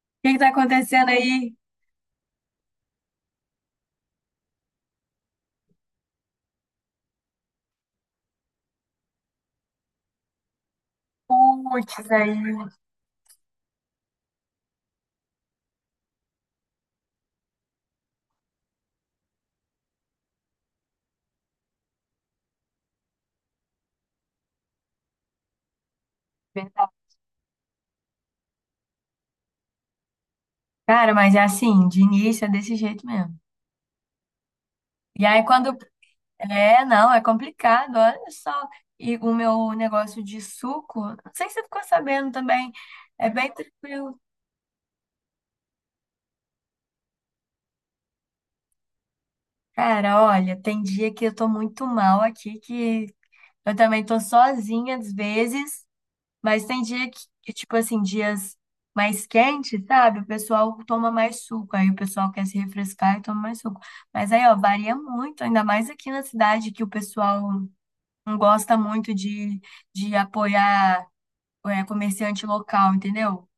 O que que tá acontecendo aí? Putz, aí. Verdade. Cara, mas é assim, de início é desse jeito mesmo. E aí quando. É, não, é complicado, olha só. E o meu negócio de suco, não sei se você ficou sabendo também, é bem tranquilo. Cara, olha, tem dia que eu tô muito mal aqui, que eu também tô sozinha às vezes. Mas tem dia que tipo assim, dias mais quentes, sabe? O pessoal toma mais suco, aí o pessoal quer se refrescar e toma mais suco. Mas aí, ó, varia muito, ainda mais aqui na cidade, que o pessoal não gosta muito de apoiar é, comerciante local, entendeu?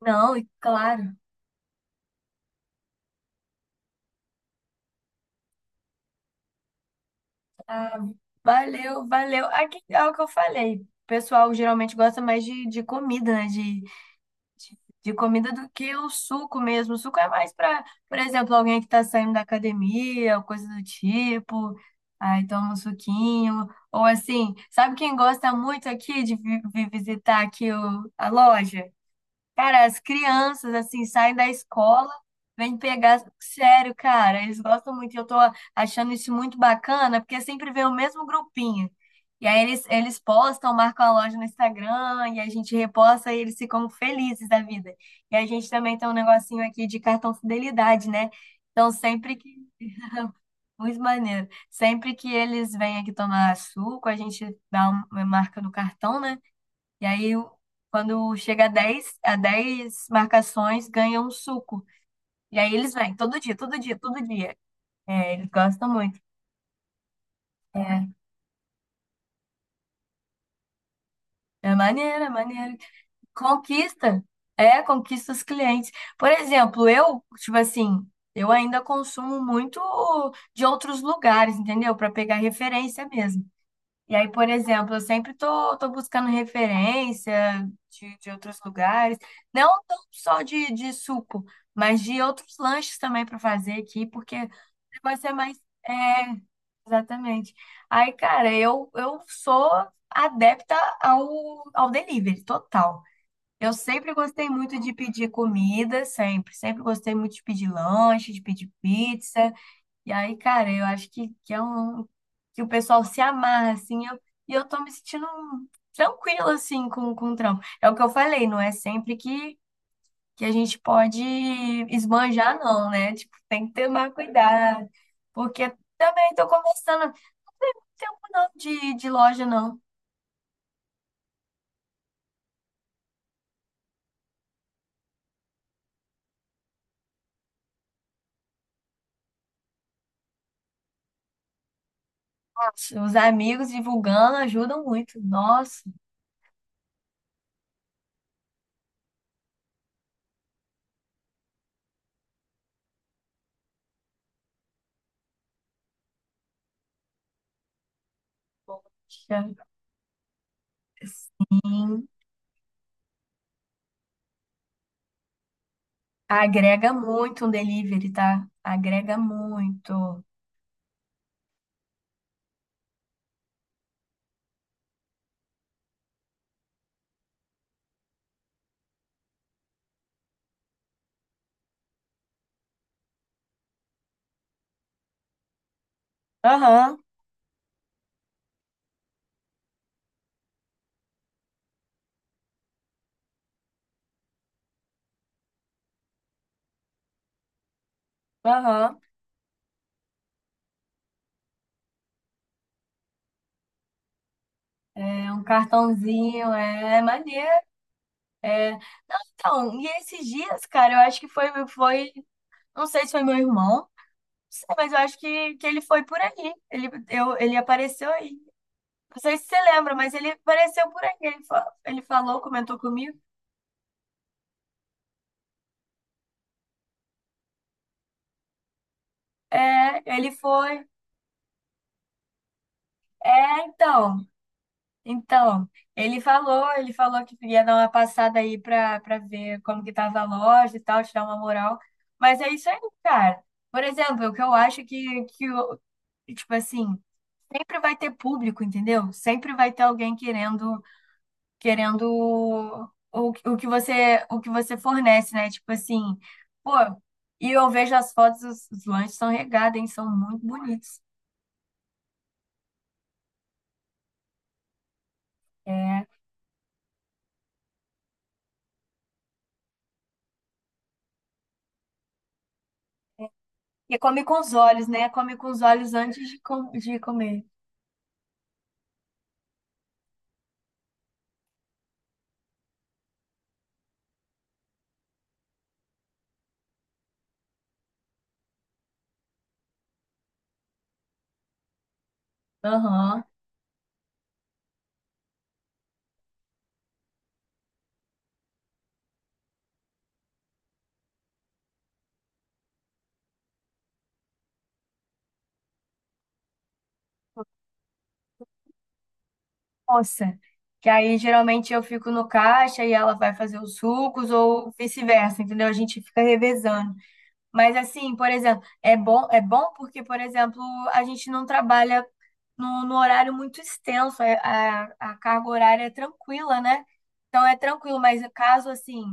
Não, e claro, ah, valeu, valeu. Aqui é o que eu falei. O pessoal geralmente gosta mais de comida, né? De comida do que o suco mesmo. O suco é mais para, por exemplo, alguém que está saindo da academia, ou coisa do tipo. Aí toma um suquinho. Ou assim, sabe quem gosta muito aqui de vir visitar aqui a loja? Cara, as crianças, assim, saem da escola, vêm pegar. Sério, cara, eles gostam muito. E eu tô achando isso muito bacana, porque sempre vem o mesmo grupinho. E aí eles postam, marcam a loja no Instagram, e a gente reposta, e eles ficam felizes da vida. E a gente também tem um negocinho aqui de cartão fidelidade, né? Então, sempre que. Muito maneiro. Sempre que eles vêm aqui tomar suco, a gente dá uma marca no cartão, né? E aí, quando chega a 10, a 10 marcações, ganha um suco. E aí eles vêm todo dia, todo dia, todo dia. É, eles gostam muito. É, é maneiro, é maneiro. Conquista, é, conquista os clientes. Por exemplo, eu, tipo assim, eu ainda consumo muito de outros lugares, entendeu? Para pegar referência mesmo. E aí, por exemplo, eu sempre tô buscando referência de outros lugares, não tão só de suco, mas de outros lanches também para fazer aqui, porque vai ser mais. É, exatamente. Aí, cara, eu sou adepta ao delivery, total. Eu sempre gostei muito de pedir comida, sempre. Sempre gostei muito de pedir lanche, de pedir pizza. E aí, cara, eu acho que é um que o pessoal se amarra, assim, eu, e eu tô me sentindo tranquila, assim, com o trampo. É o que eu falei, não é sempre que a gente pode esbanjar, não, né? Tipo, tem que tomar cuidado, porque também tô começando, não tem um não de loja, não. Nossa, os amigos divulgando ajudam muito. Nossa, poxa, sim, agrega muito um delivery, tá? Agrega muito. Aham. Aham. É um cartãozinho, é é maneiro. É... Não, então, e esses dias, cara, eu acho que foi, não sei se foi meu irmão, não sei, mas eu acho que ele foi por aí. Ele apareceu aí. Não sei se você lembra, mas ele apareceu por aí. Ele, ele falou, comentou comigo. É, ele foi. É, então. Então, ele falou que ia dar uma passada aí pra ver como que tava a loja e tal, te dar uma moral. Mas é isso aí, cara. Por exemplo, o que eu acho que, tipo assim, sempre vai ter público, entendeu? Sempre vai ter alguém querendo, querendo o que você fornece, né? Tipo assim, pô, e eu vejo as fotos, os lanches são regados, hein? São muito bonitos. É. E come com os olhos, né? Come com os olhos antes de, com, de comer. Aham. Nossa, que aí geralmente eu fico no caixa e ela vai fazer os sucos ou vice-versa, entendeu? A gente fica revezando. Mas assim, por exemplo, é bom porque, por exemplo, a gente não trabalha no horário muito extenso, a carga horária é tranquila, né? Então é tranquilo, mas caso assim,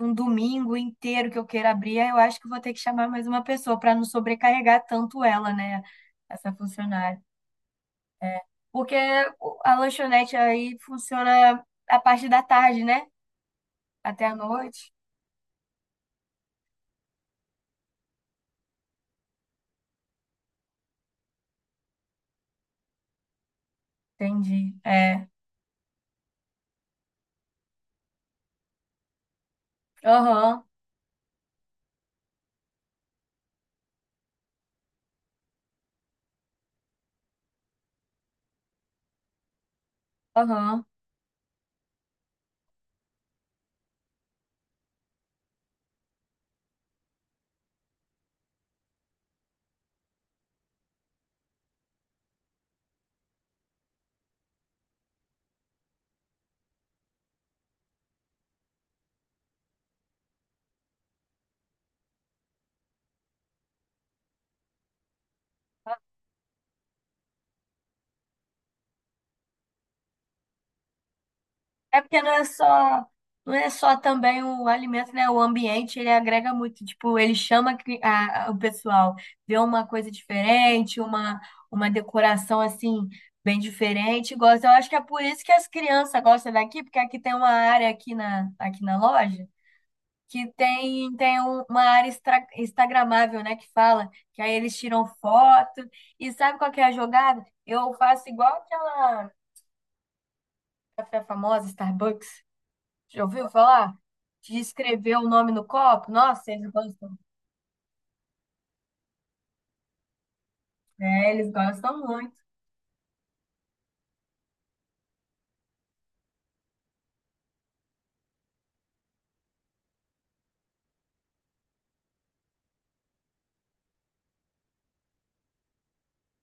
um domingo inteiro que eu queira abrir, eu acho que vou ter que chamar mais uma pessoa para não sobrecarregar tanto ela, né? Essa funcionária. É. Porque a lanchonete aí funciona a parte da tarde, né? Até a noite. Entendi. É. Aham, aham. É porque não é só também o alimento, né? O ambiente, ele agrega muito. Tipo, ele chama a o pessoal, vê uma coisa diferente, uma decoração assim, bem diferente. Gosta. Eu acho que é por isso que as crianças gostam daqui, porque aqui tem uma área aqui na loja. Que tem, tem uma área instagramável, né, que fala, que aí eles tiram foto, e sabe qual que é a jogada? Eu faço igual aquela café famosa, Starbucks, já ouviu falar? De escrever o nome no copo, nossa, eles gostam, é, eles gostam muito.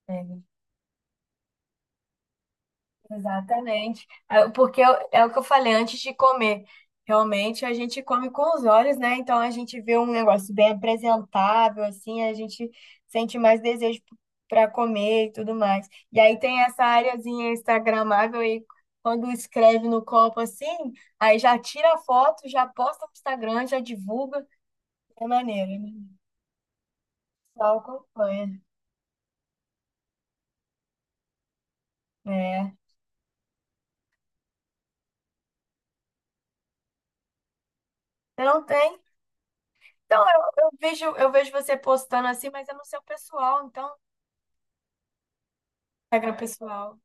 É, exatamente. É, porque é o que eu falei antes de comer. Realmente a gente come com os olhos, né? Então a gente vê um negócio bem apresentável, assim, a gente sente mais desejo para comer e tudo mais. E aí tem essa areazinha instagramável aí, quando escreve no copo assim, aí já tira a foto, já posta no Instagram, já divulga. É maneiro, né? O acompanha. É. Você não tem? Então eu vejo você postando assim, mas é no seu pessoal, então. Regra pessoal.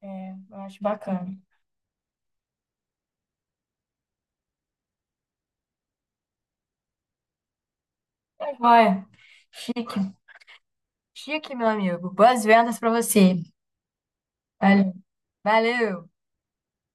É, eu acho bacana. Tá joia. Chique. Chique, meu amigo. Boas vendas pra você. Valeu. Valeu.